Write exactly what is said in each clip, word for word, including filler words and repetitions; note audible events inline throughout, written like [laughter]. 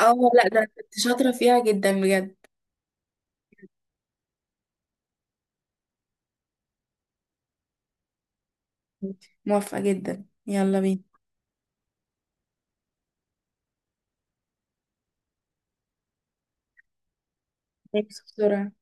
اه لا، ده أنا كنت شاطرة فيها جدا بجد. موافقة جدا، يلا بينا. ماشي، بسرعة.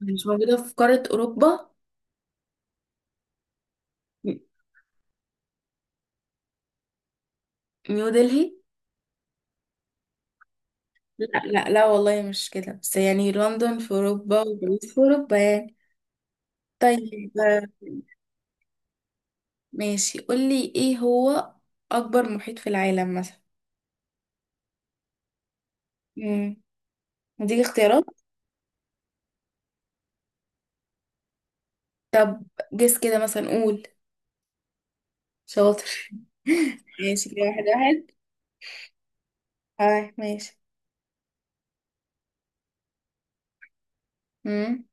مش موجودة في قارة أوروبا. م- نيو دلهي. لا لا لا والله مش كده، بس يعني لندن في أوروبا وباريس في أوروبا يعني. طيب. آه، ماشي، قولي ايه هو أكبر محيط في العالم مثلا. امم هديك اختيارات. طب جس كده مثلا، قول. شاطر. ماشي كده، واحد واحد. اه ماشي. امم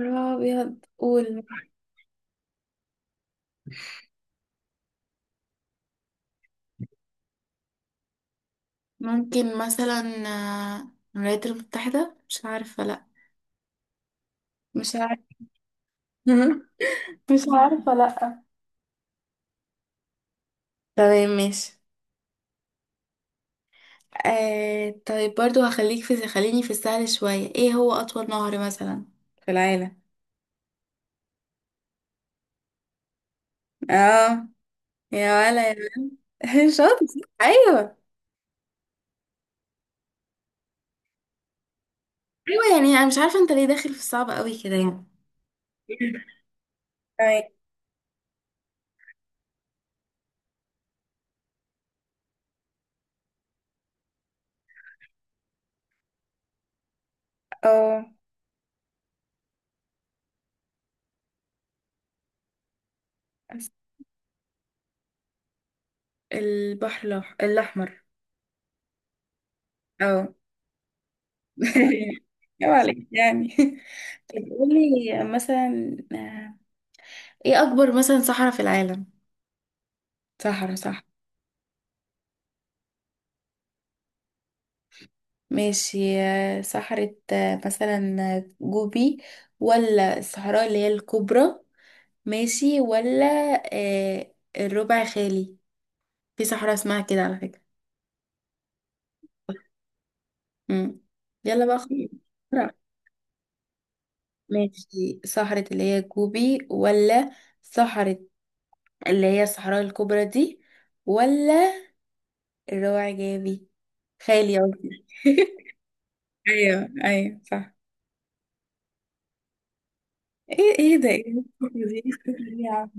أبيض، قول. ممكن مثلا آه، الولايات المتحدة، مش عارفة، لأ. مش عارفة. [laughs] مش عارفة، لأ. تمام ماشي. آه طيب، برضو هخليك في، خليني في السهل شوية، ايه هو أطول نهر مثلا في العالم. اه. يا ولا يا. ولا. [laughs] شاطر. ايوه ايوه. يعني انا مش عارفة انت ليه داخل في الصعب قوي كده يعني. [laughs] طيب. اه، البحر الأح- الأحمر. اه. [laughs] يا عليك يعني. قولي مثلا آه، ايه اكبر مثلا صحراء في العالم، صحراء، صح. ماشي آه، صحراء، آه، مثلا آه، جوبي، ولا الصحراء اللي هي الكبرى، ماشي ولا، آه، الربع خالي. في صحراء اسمها كده على فكرة. مم. يلا بقى خلاص. بسرعة. ماشي، صحراء اللي هي جوبي، ولا صحراء اللي هي الصحراء الكبرى دي، ولا الربع جابي خالي قصدي. [laughs] ايوه ايوه صح. ايه ايه ده، ايه الفكرة دي، ايه الفكرة دي يا عم؟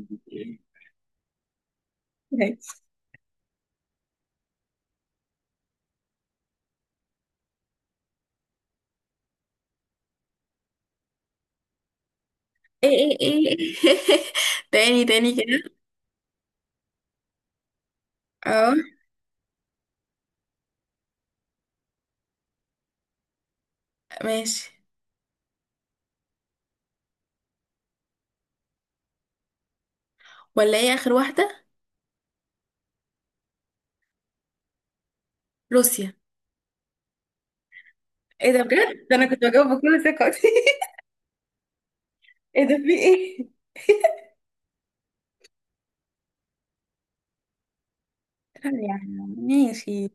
ماشي. ايه ايه ايه. [laughs] تاني تاني كده. اه ماشي، ولا ايه اخر واحدة. روسيا. ايه ده بجد، ده انا كنت بجاوب بكل ثقة. [laughs] ايه ده، في ايه؟ يعني ماشي.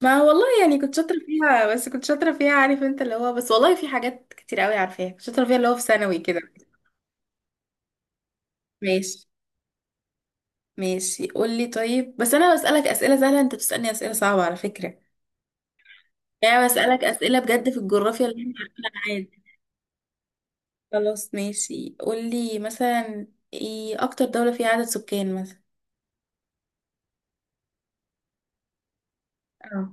ما والله يعني كنت شاطرة فيها، بس كنت شاطرة فيها، عارف انت اللي هو، بس والله في حاجات كتير قوي عارفاها، كنت شاطرة فيها اللي هو في ثانوي كده. ماشي. ماشي قولي، طيب بس انا بسألك اسئلة سهلة، انت بتسألني اسئلة صعبة على فكرة. يعني بسألك أسئلة بجد في الجغرافيا اللي احنا عارفينها. عادي. خلاص ماشي، قولي مثلا ايه أكتر دولة فيها عدد سكان مثلا. اه،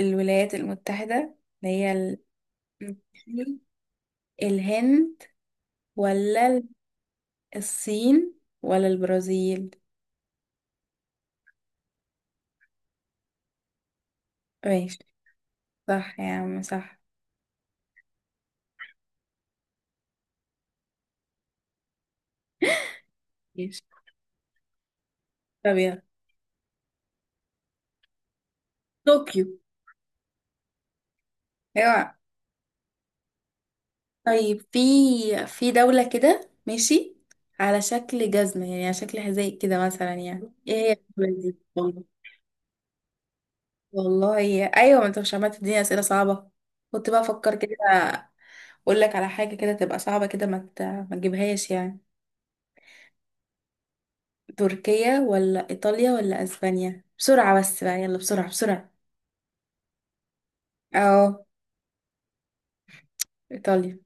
الولايات المتحدة، اللي هي ال... م. الهند، ولا ال- الصين، ولا البرازيل. ماشي. صح يا عم صح. ماشي، طب يلا. طوكيو. ايوه. طيب، في في دولة كده ماشي، على شكل جزمة، يعني على شكل حذاء كده مثلا، يعني ايه هي الدولة دي؟ والله ايوه، ما انت مش عمال تديني اسئله صعبه، كنت بقى افكر كده اقول لك على حاجه كده تبقى صعبه كده، ما ت- ما تجيبهاش يعني. تركيا ولا ايطاليا ولا اسبانيا، بسرعه، بس بقى، يلا بسرعه بسرعه. اه، ايطاليا.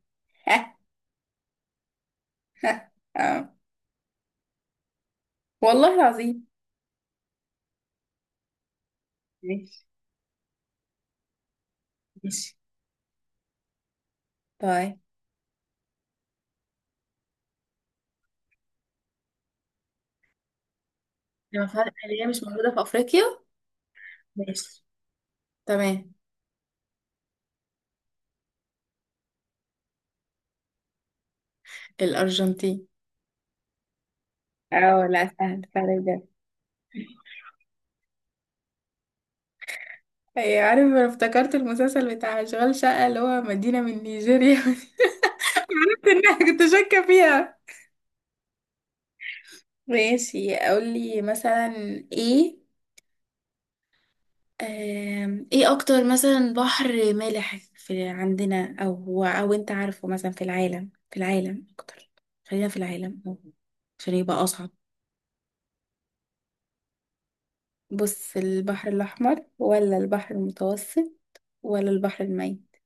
[laughs] آه. والله العظيم. ماشي. ماشي طيب، لما فرق اللي هي مش موجوده في افريقيا. ماشي، تمام. الارجنتين. اه لا، سهل سهل بجد. هي عارف، انا افتكرت المسلسل بتاع اشغال شقة، اللي هو مدينة من نيجيريا. [laughs] عرفت انها، كنت شاكة فيها. ماشي، اقول لي مثلا ايه، آم، ايه اكتر مثلا بحر مالح، في عندنا، او او انت عارفه مثلا، في العالم، في العالم اكتر، خلينا في العالم أهو، عشان يبقى اصعب. بص، البحر الاحمر، ولا البحر المتوسط، ولا البحر الميت.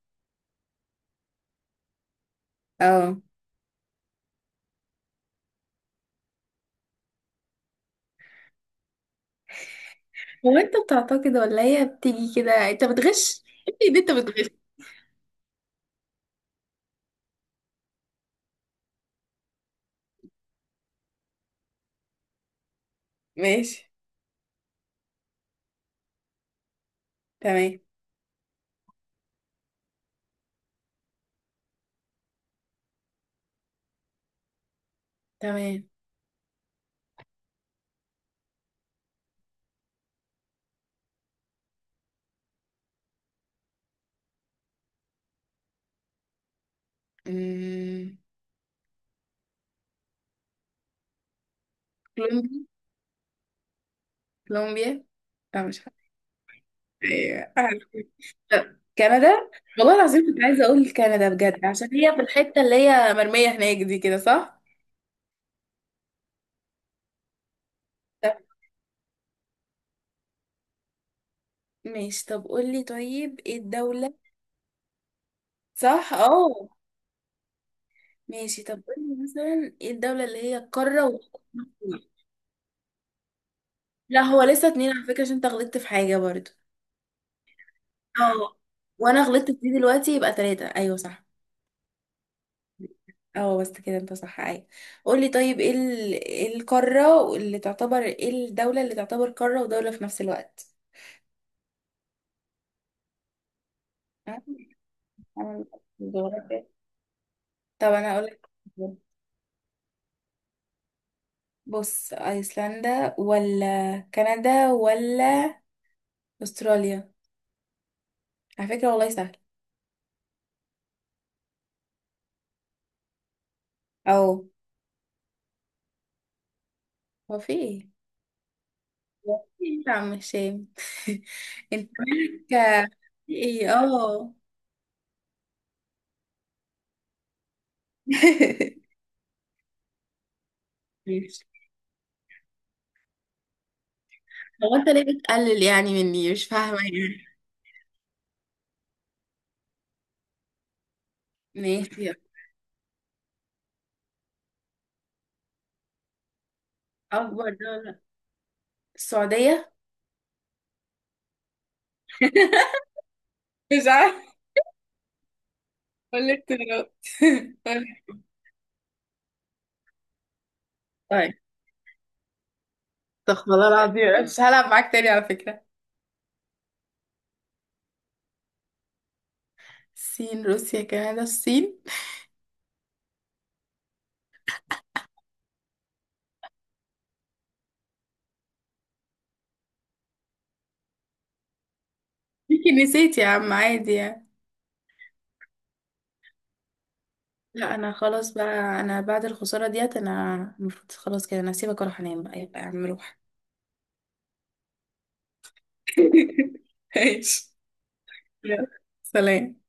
اه. هو انت بتعتقد، ولا هي بتيجي كده، انت بتغش. إيه دي، انت بتغش. ماشي، تمام تمام. أمم، كولومبيا. كولومبيا. لا مش عارفة. ايوه عارفة. طب، كندا. والله العظيم كنت عايزة اقول كندا بجد، عشان هي في الحتة اللي هي مرمية هناك دي كده، صح؟ طب ماشي، طب قولي طيب ايه الدولة. صح اه. ماشي، طب قولي مثلا ايه الدولة اللي هي القارة و... لا، هو لسه اتنين على فكرة، عشان انت غلطت في حاجة برضو. اه، وانا غلطت في دي دلوقتي، يبقى تلاتة، ايوه صح. اه بس كده انت صح، اي. قولي طيب ايه ال- إيه القارة اللي تعتبر، ايه الدولة اللي تعتبر قارة ودولة في نفس الوقت؟ ها؟ أنا جغرافيا. طب انا اقولك، بص، ايسلندا ولا كندا ولا استراليا، على فكرة والله سهل. او، هو في ايه؟ [laughs] هو في إيه يا عم هشام؟ [laughs] انت مالك، في ايه، اه. [laughs] ماشي. هو انت ليه بتقلل يعني مني، مش فاهمة يعني. ماشي، اكبر دولة، السعودية. [laughs] مش عارفة، قولي اختيارات. [laughs] قولي. طيب، استغفر الله العظيم، مش هلعب معاك تاني على فكرة. الصين روسيا كندا، الصين. يمكن نسيت يا عم، عادي يعني. لا، انا خلاص بقى، انا بعد الخسارة ديت انا المفروض خلاص كده، انا هسيبك واروح انام بقى، يلا يا عم روح. [laughs] ماشي. يلا. سلام